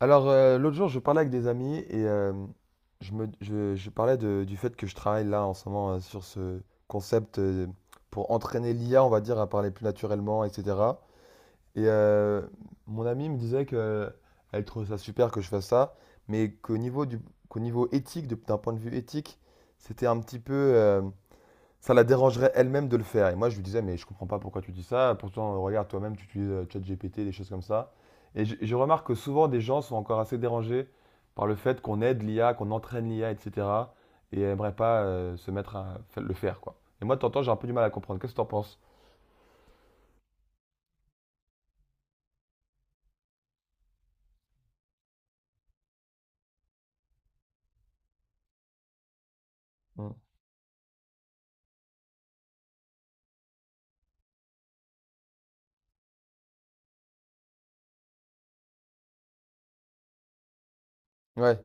Alors, l'autre jour, je parlais avec des amis et je parlais du fait que je travaille là en ce moment sur ce concept pour entraîner l'IA, on va dire, à parler plus naturellement, etc. Et mon ami me disait que elle trouve ça super que je fasse ça, mais qu'au niveau éthique, d'un point de vue éthique, c'était un petit peu, ça la dérangerait elle-même de le faire. Et moi, je lui disais, mais je comprends pas pourquoi tu dis ça. Pourtant, regarde, toi-même, tu utilises ChatGPT, des choses comme ça. Et je remarque que souvent, des gens sont encore assez dérangés par le fait qu'on aide l'IA, qu'on entraîne l'IA, etc. Et cetera. Et n'aimeraient pas se mettre le faire, quoi. Et moi, de temps en temps, j'ai un peu du mal à comprendre. Qu'est-ce que tu en penses? Hmm. Ouais,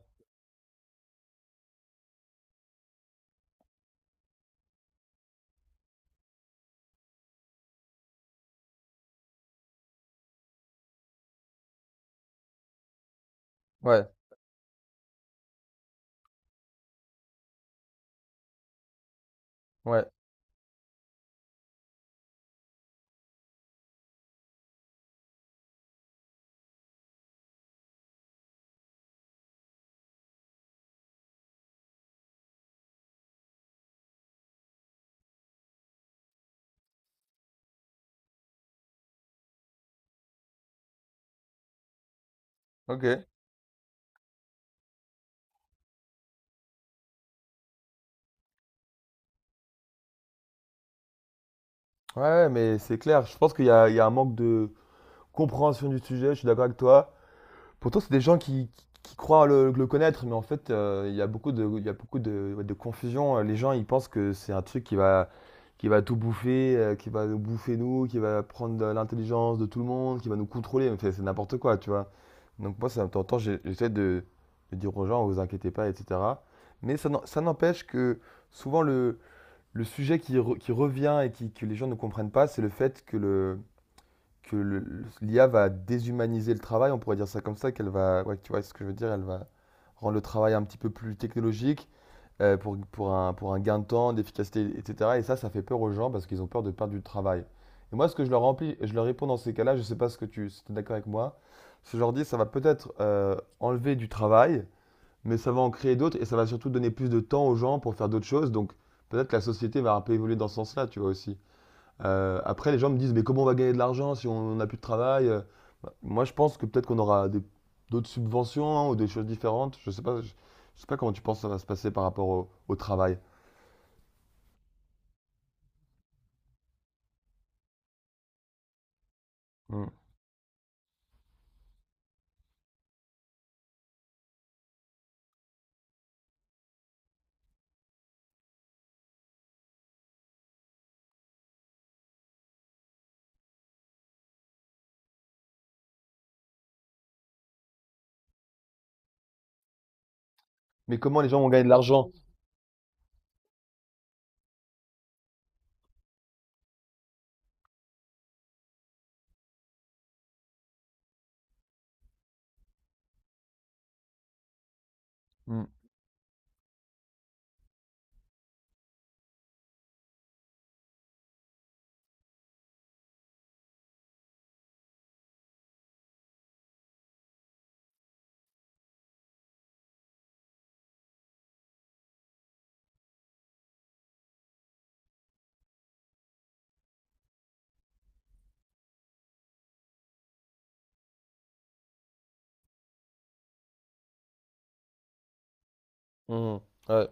ouais, ouais. Ok. Ouais, ouais, mais c'est clair. Je pense qu'il y a un manque de compréhension du sujet. Je suis d'accord avec toi. Pourtant, c'est des gens qui croient le connaître, mais en fait, il y a beaucoup de, il y a beaucoup de, ouais, de confusion. Les gens, ils pensent que c'est un truc qui va tout bouffer, qui va nous bouffer nous, qui va prendre de l'intelligence de tout le monde, qui va nous contrôler. Mais c'est n'importe quoi, tu vois. Donc moi, ça, de temps en temps, j'essaie de dire aux gens, vous inquiétez pas, etc. Mais ça n'empêche que souvent, le sujet qui revient que les gens ne comprennent pas, c'est le fait que l'IA va déshumaniser le travail, on pourrait dire ça comme ça, qu'elle va, ouais, tu vois ce que je veux dire, elle va rendre le travail un petit peu plus technologique pour un gain de temps, d'efficacité, etc. Et ça fait peur aux gens parce qu'ils ont peur de perdre du travail. Et moi, ce que je leur remplis, je leur réponds dans ces cas-là, je ne sais pas ce que tu, si tu es d'accord avec moi, c'est que je leur dis, ça va peut-être enlever du travail, mais ça va en créer d'autres et ça va surtout donner plus de temps aux gens pour faire d'autres choses. Donc peut-être que la société va un peu évoluer dans ce sens-là, tu vois aussi. Après, les gens me disent, mais comment on va gagner de l'argent si on n'a plus de travail? Bah, moi, je pense que peut-être d'autres subventions hein, ou des choses différentes. Je sais pas, je sais pas comment tu penses que ça va se passer par rapport au travail. Mm. Mais comment les gens vont gagner de l'argent? Mm. Mm. Ouais,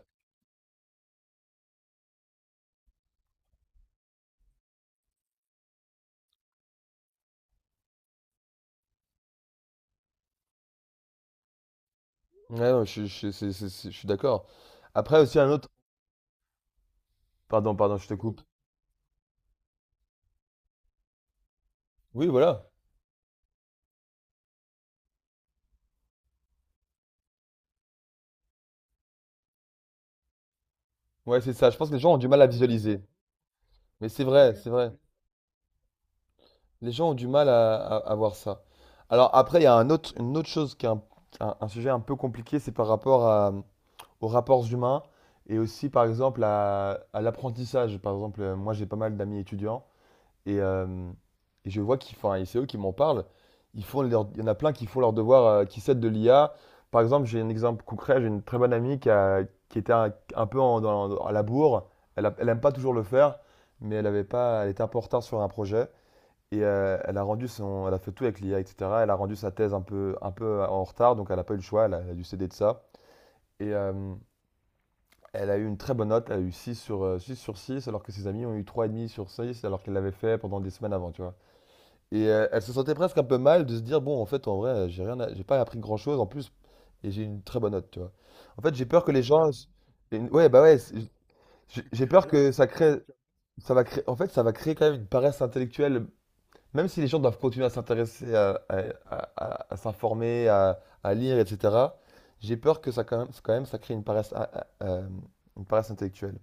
ouais, non, je suis d'accord. Après, aussi un autre... Pardon, pardon, je te coupe. Oui, voilà. Ouais, c'est ça. Je pense que les gens ont du mal à visualiser. Mais c'est vrai, c'est vrai. Les gens ont du mal à voir ça. Alors après, il y a un autre, une autre chose qui est un sujet un peu compliqué, c'est par rapport aux rapports humains et aussi par exemple à l'apprentissage. Par exemple, moi j'ai pas mal d'amis étudiants et, euh, et je vois qu'ils font, et c'est eux qui m'en parlent, il y en a plein qui font leur devoir, qui s'aident de l'IA. Par exemple, j'ai un exemple concret, j'ai une très bonne amie qui était un peu à la bourre, elle aime pas toujours le faire, mais elle avait pas, elle était un peu en retard sur un projet. Et elle a fait tout avec l'IA, etc. Elle a rendu sa thèse un peu en retard, donc elle n'a pas eu le choix, elle a dû céder de ça. Et elle a eu une très bonne note, elle a eu 6 sur 6, alors que ses amis ont eu trois et demi sur 6 alors qu'elle l'avait fait pendant des semaines avant, tu vois. Et elle se sentait presque un peu mal de se dire, bon, en fait, en vrai, j'ai rien, à- j'ai pas appris grand-chose en plus, et j'ai une très bonne note, tu vois. En fait, j'ai peur que les gens... Ouais, bah ouais, j'ai peur que ça crée... Ça va créer... En fait, ça va créer quand même une paresse intellectuelle. Même si les gens doivent continuer à s'intéresser, à s'informer, à lire, etc., j'ai peur que ça, quand même, ça crée une paresse, une paresse intellectuelle.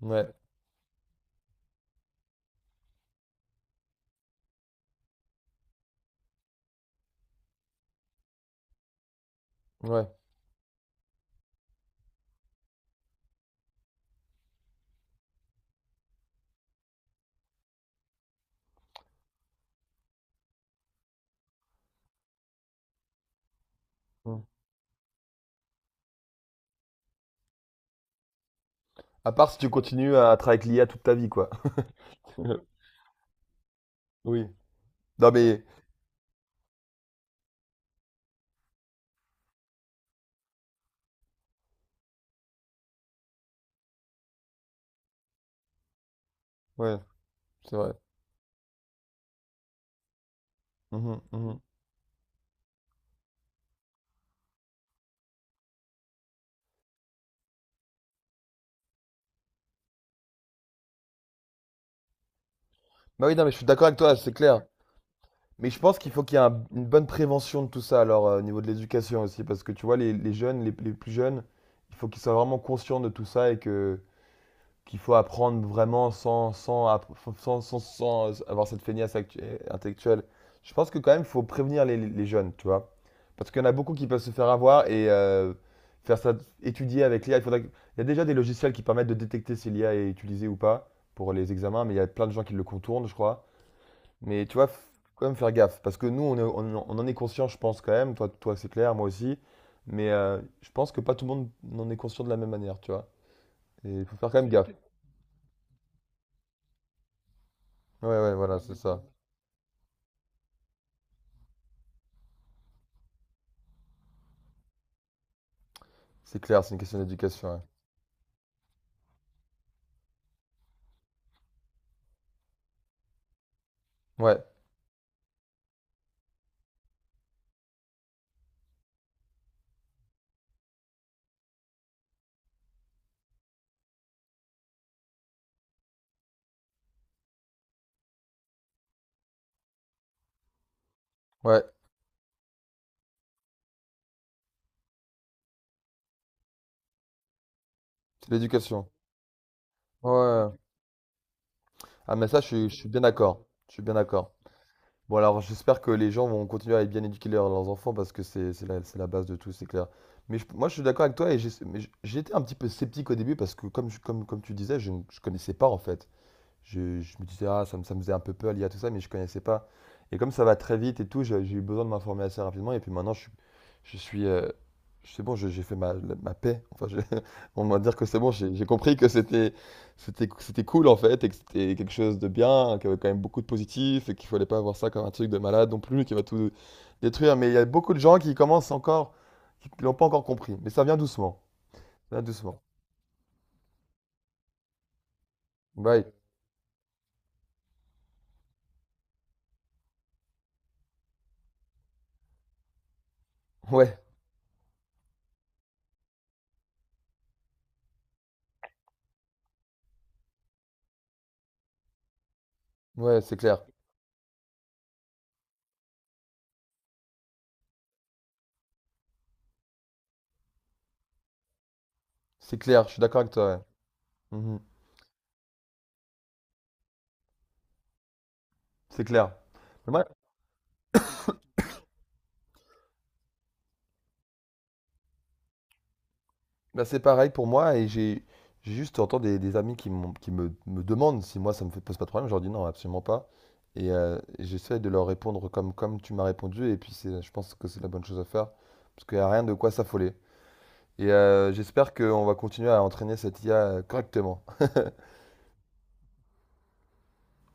Ouais, ouais. Mm. À part si tu continues à travailler avec l'IA toute ta vie, quoi. Oui. Non, mais... Ouais, c'est vrai. Mhm, mhm. Bah oui, non, mais je suis d'accord avec toi, c'est clair. Mais je pense qu'il faut qu'il y ait une bonne prévention de tout ça, alors, au niveau de l'éducation aussi, parce que tu vois, les jeunes, les plus jeunes, il faut qu'ils soient vraiment conscients de tout ça et que qu'il faut apprendre vraiment sans, sans, app- sans, sans, sans avoir cette intellectuelle. Je pense que quand même, il faut prévenir les jeunes, tu vois. Parce qu'il y en a beaucoup qui peuvent se faire avoir et faire ça, étudier avec l'IA. Il y a déjà des logiciels qui permettent de détecter si l'IA est utilisée ou pas pour les examens, mais il y a plein de gens qui le contournent, je crois. Mais tu vois, quand même faire gaffe. Parce que nous, on en est conscient, je pense, quand même. Toi, toi c'est clair, moi aussi. Mais je pense que pas tout le monde en est conscient de la même manière, tu vois. Et il faut faire quand même gaffe. Ouais, ouais, voilà, c'est ça. C'est clair, c'est une question d'éducation. Ouais, ouais, ouais, c'est l'éducation. Ouais. Ouais, ouais. Ah, mais ça, je suis bien d'accord. Je suis bien d'accord. Bon, alors, j'espère que les gens vont continuer à bien éduquer leurs enfants parce que c'est la base de tout, c'est clair. Mais moi, je suis d'accord avec toi j'étais un petit peu sceptique au début parce que, comme, comme tu disais, je connaissais pas en fait. Je me disais, ah, ça me faisait un peu peur lié à tout ça, mais je connaissais pas. Et comme ça va très vite et tout, j'ai eu besoin de m'informer assez rapidement. Et puis maintenant, je suis. C'est bon, j'ai fait ma paix. Enfin, on va dire que c'est bon, j'ai compris que c'était cool en fait, et que c'était quelque chose de bien, qu'il y avait quand même beaucoup de positif, et qu'il fallait pas avoir ça comme un truc de malade non plus, qui va tout détruire. Mais il y a beaucoup de gens qui commencent encore, qui l'ont pas encore compris. Mais ça vient doucement. Ça vient doucement. Ouais, ouais, ouais, c'est clair. C'est clair, je suis d'accord avec toi. Ouais. Mhm. C'est clair. Mais moi, bah, c'est pareil pour moi et j'ai juste entends des amis qui, qui me demandent si moi pose pas de problème. Je leur dis non, absolument pas. Et j'essaie de leur répondre comme tu m'as répondu. Et puis je pense que c'est la bonne chose à faire parce qu'il n'y a rien de quoi s'affoler. Et j'espère qu'on va continuer à entraîner cette IA correctement.